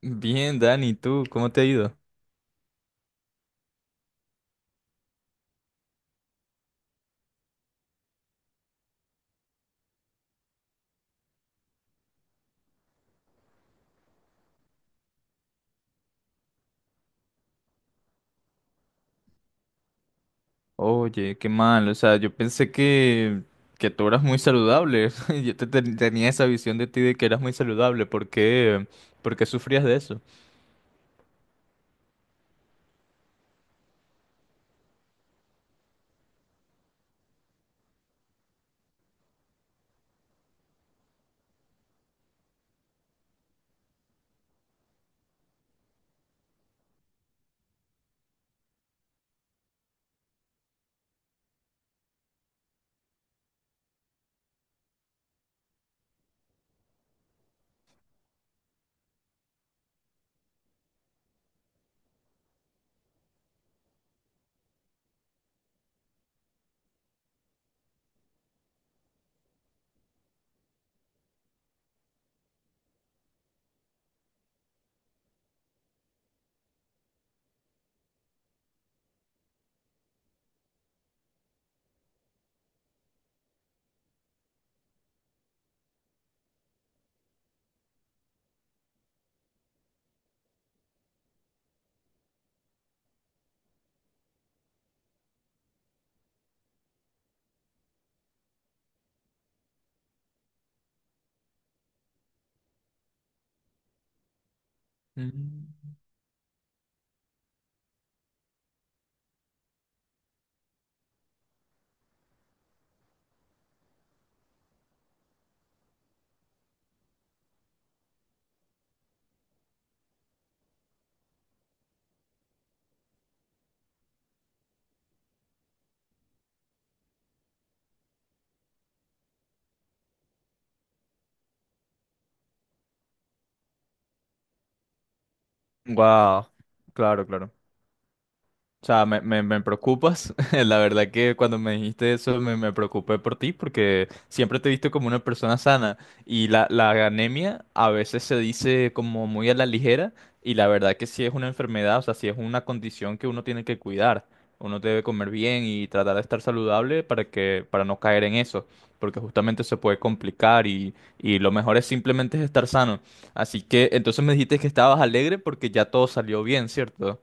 Bien, Dani, ¿tú cómo te ha ido? Oye, qué mal, o sea, yo pensé que tú eras muy saludable. Yo tenía esa visión de ti de que eras muy saludable. ¿Por qué sufrías de eso? Mm. Wow, claro, claro. O sea, me preocupas. La verdad que cuando me dijiste eso me preocupé por ti porque siempre te he visto como una persona sana y la anemia a veces se dice como muy a la ligera y la verdad que sí es una enfermedad, o sea, sí es una condición que uno tiene que cuidar. Uno debe comer bien y tratar de estar saludable para no caer en eso, porque justamente se puede complicar y lo mejor es simplemente estar sano. Así que entonces me dijiste que estabas alegre porque ya todo salió bien, ¿cierto?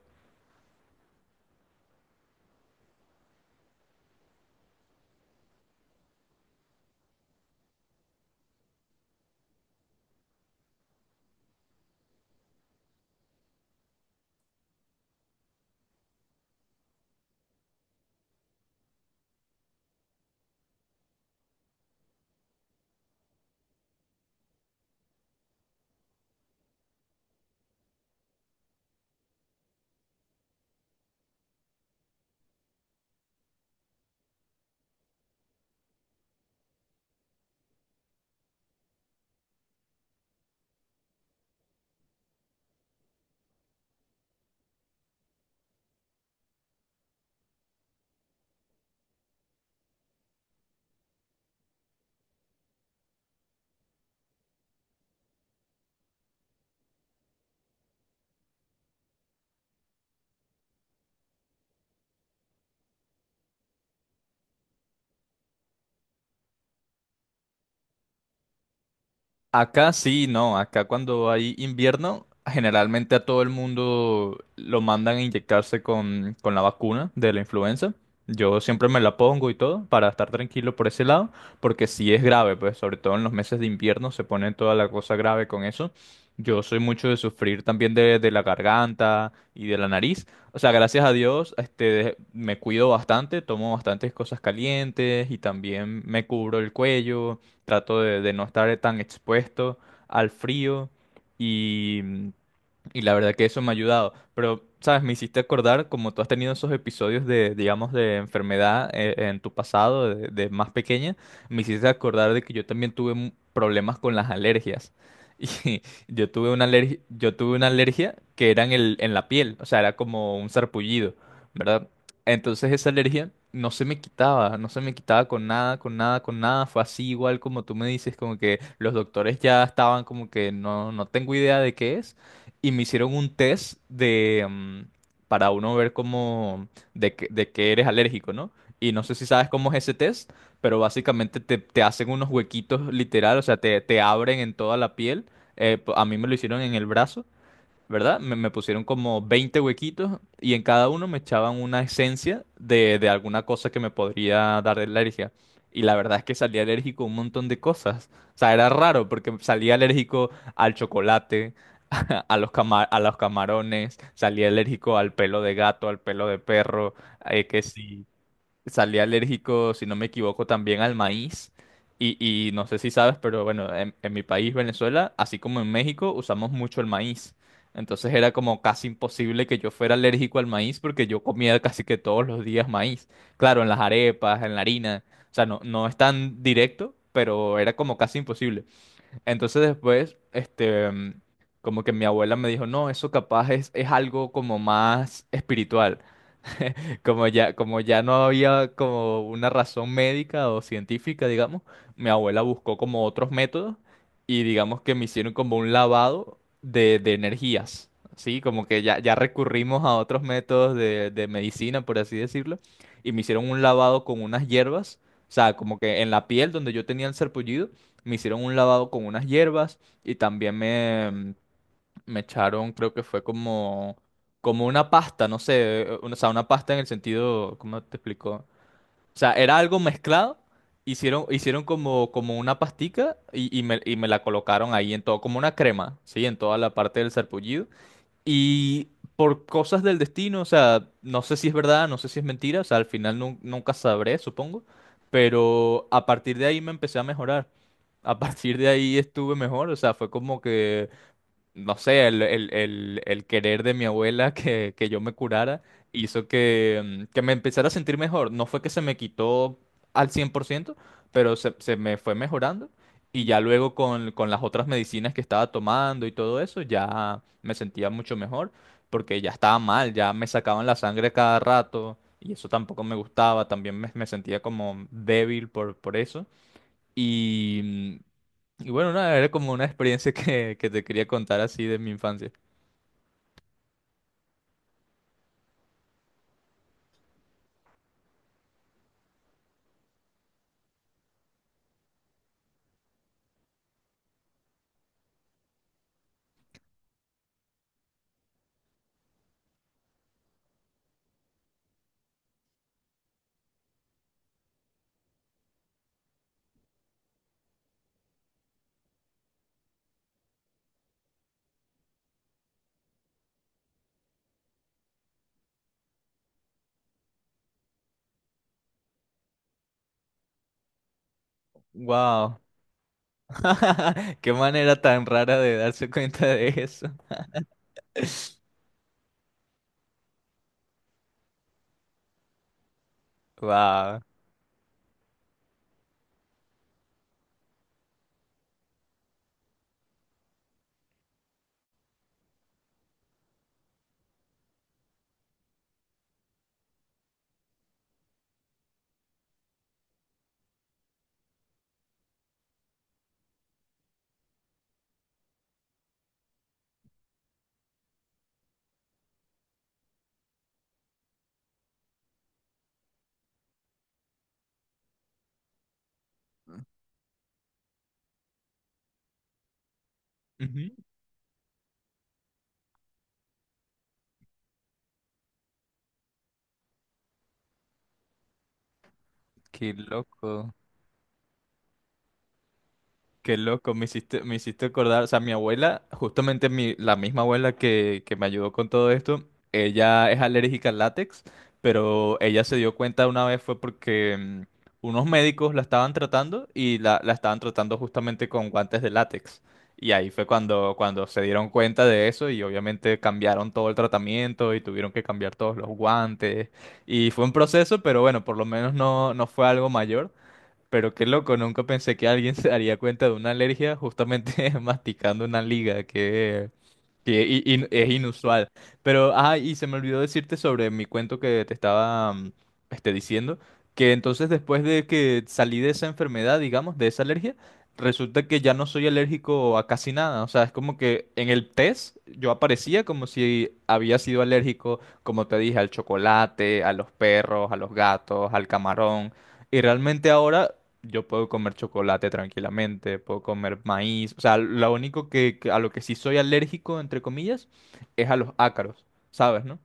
Acá sí, no, acá cuando hay invierno, generalmente a todo el mundo lo mandan a inyectarse con la vacuna de la influenza. Yo siempre me la pongo y todo para estar tranquilo por ese lado, porque sí es grave, pues sobre todo en los meses de invierno se pone toda la cosa grave con eso. Yo soy mucho de sufrir también de la garganta y de la nariz. O sea, gracias a Dios, este, me cuido bastante, tomo bastantes cosas calientes y también me cubro el cuello. Trato de no estar tan expuesto al frío y mm, y la verdad que eso me ha ayudado. Pero, ¿sabes? Me hiciste acordar, como tú has tenido esos episodios de, digamos, de enfermedad, en tu pasado, de más pequeña, me hiciste acordar de que yo también tuve problemas con las alergias. Y yo tuve una alergia que era en la piel, o sea, era como un sarpullido, ¿verdad? Entonces esa alergia no se me quitaba, no se me quitaba con nada, con nada, con nada. Fue así igual como tú me dices, como que los doctores ya estaban como que no, no tengo idea de qué es y me hicieron un test para uno ver de qué eres alérgico, ¿no? Y no sé si sabes cómo es ese test, pero básicamente te hacen unos huequitos literal, o sea, te abren en toda la piel. A mí me lo hicieron en el brazo, ¿verdad? Me pusieron como 20 huequitos y en cada uno me echaban una esencia de alguna cosa que me podría dar alergia. Y la verdad es que salí alérgico a un montón de cosas. O sea, era raro porque salí alérgico al chocolate, a los camarones, salía alérgico al pelo de gato, al pelo de perro, que sí, salía alérgico, si no me equivoco, también al maíz. Y, y no sé si sabes, pero bueno, en mi país, Venezuela, así como en México, usamos mucho el maíz. Entonces era como casi imposible que yo fuera alérgico al maíz porque yo comía casi que todos los días maíz. Claro, en las arepas, en la harina. O sea, no, no es tan directo, pero era como casi imposible. Entonces después, este, como que mi abuela me dijo, no, eso capaz es, algo como más espiritual. Como ya no había como una razón médica o científica, digamos, mi abuela buscó como otros métodos y digamos que me hicieron como un lavado de energías, ¿sí? Como que ya, ya recurrimos a otros métodos de medicina, por así decirlo, y me hicieron un lavado con unas hierbas, o sea, como que en la piel donde yo tenía el sarpullido, me hicieron un lavado con unas hierbas y también me echaron, creo que fue como, como una pasta, no sé, o sea, una pasta en el sentido, ¿cómo te explico? O sea, era algo mezclado, hicieron como, como una pastica y me la colocaron ahí en todo, como una crema, ¿sí? En toda la parte del sarpullido. Y por cosas del destino, o sea, no sé si es verdad, no sé si es mentira, o sea, al final nunca sabré, supongo, pero a partir de ahí me empecé a mejorar. A partir de ahí estuve mejor, o sea, fue como que no sé, el querer de mi abuela que yo me curara hizo que me empezara a sentir mejor. No fue que se me quitó al 100%, pero se me fue mejorando. Y ya luego con las otras medicinas que estaba tomando y todo eso, ya me sentía mucho mejor porque ya estaba mal, ya me sacaban la sangre cada rato. Y eso tampoco me gustaba, también me sentía como débil por eso. Y, mm, y bueno, nada, era como una experiencia que te quería contar así de mi infancia. Wow. Qué manera tan rara de darse cuenta de eso. Wow. Qué loco. Qué loco, me hiciste acordar, o sea, mi abuela, justamente la misma abuela que me ayudó con todo esto, ella es alérgica al látex, pero ella se dio cuenta una vez fue porque unos médicos la estaban tratando y la estaban tratando justamente con guantes de látex. Y ahí fue cuando se dieron cuenta de eso y obviamente cambiaron todo el tratamiento y tuvieron que cambiar todos los guantes. Y fue un proceso, pero bueno, por lo menos no, no fue algo mayor. Pero qué loco, nunca pensé que alguien se daría cuenta de una alergia justamente masticando una liga, que es inusual. Pero, ah, y se me olvidó decirte sobre mi cuento que te estaba este, diciendo, que entonces después de que salí de esa enfermedad, digamos, de esa alergia, resulta que ya no soy alérgico a casi nada. O sea, es como que en el test yo aparecía como si había sido alérgico, como te dije, al chocolate, a los perros, a los gatos, al camarón. Y realmente ahora yo puedo comer chocolate tranquilamente, puedo comer maíz. O sea, lo único que, a lo que sí soy alérgico, entre comillas, es a los ácaros, ¿sabes, no?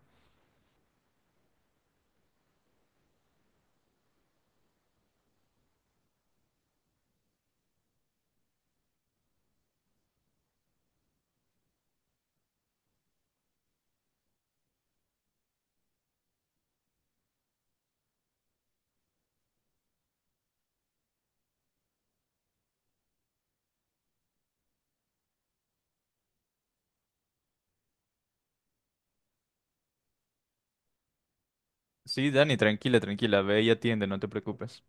Sí, Dani, tranquila, tranquila, ve y atiende, no te preocupes.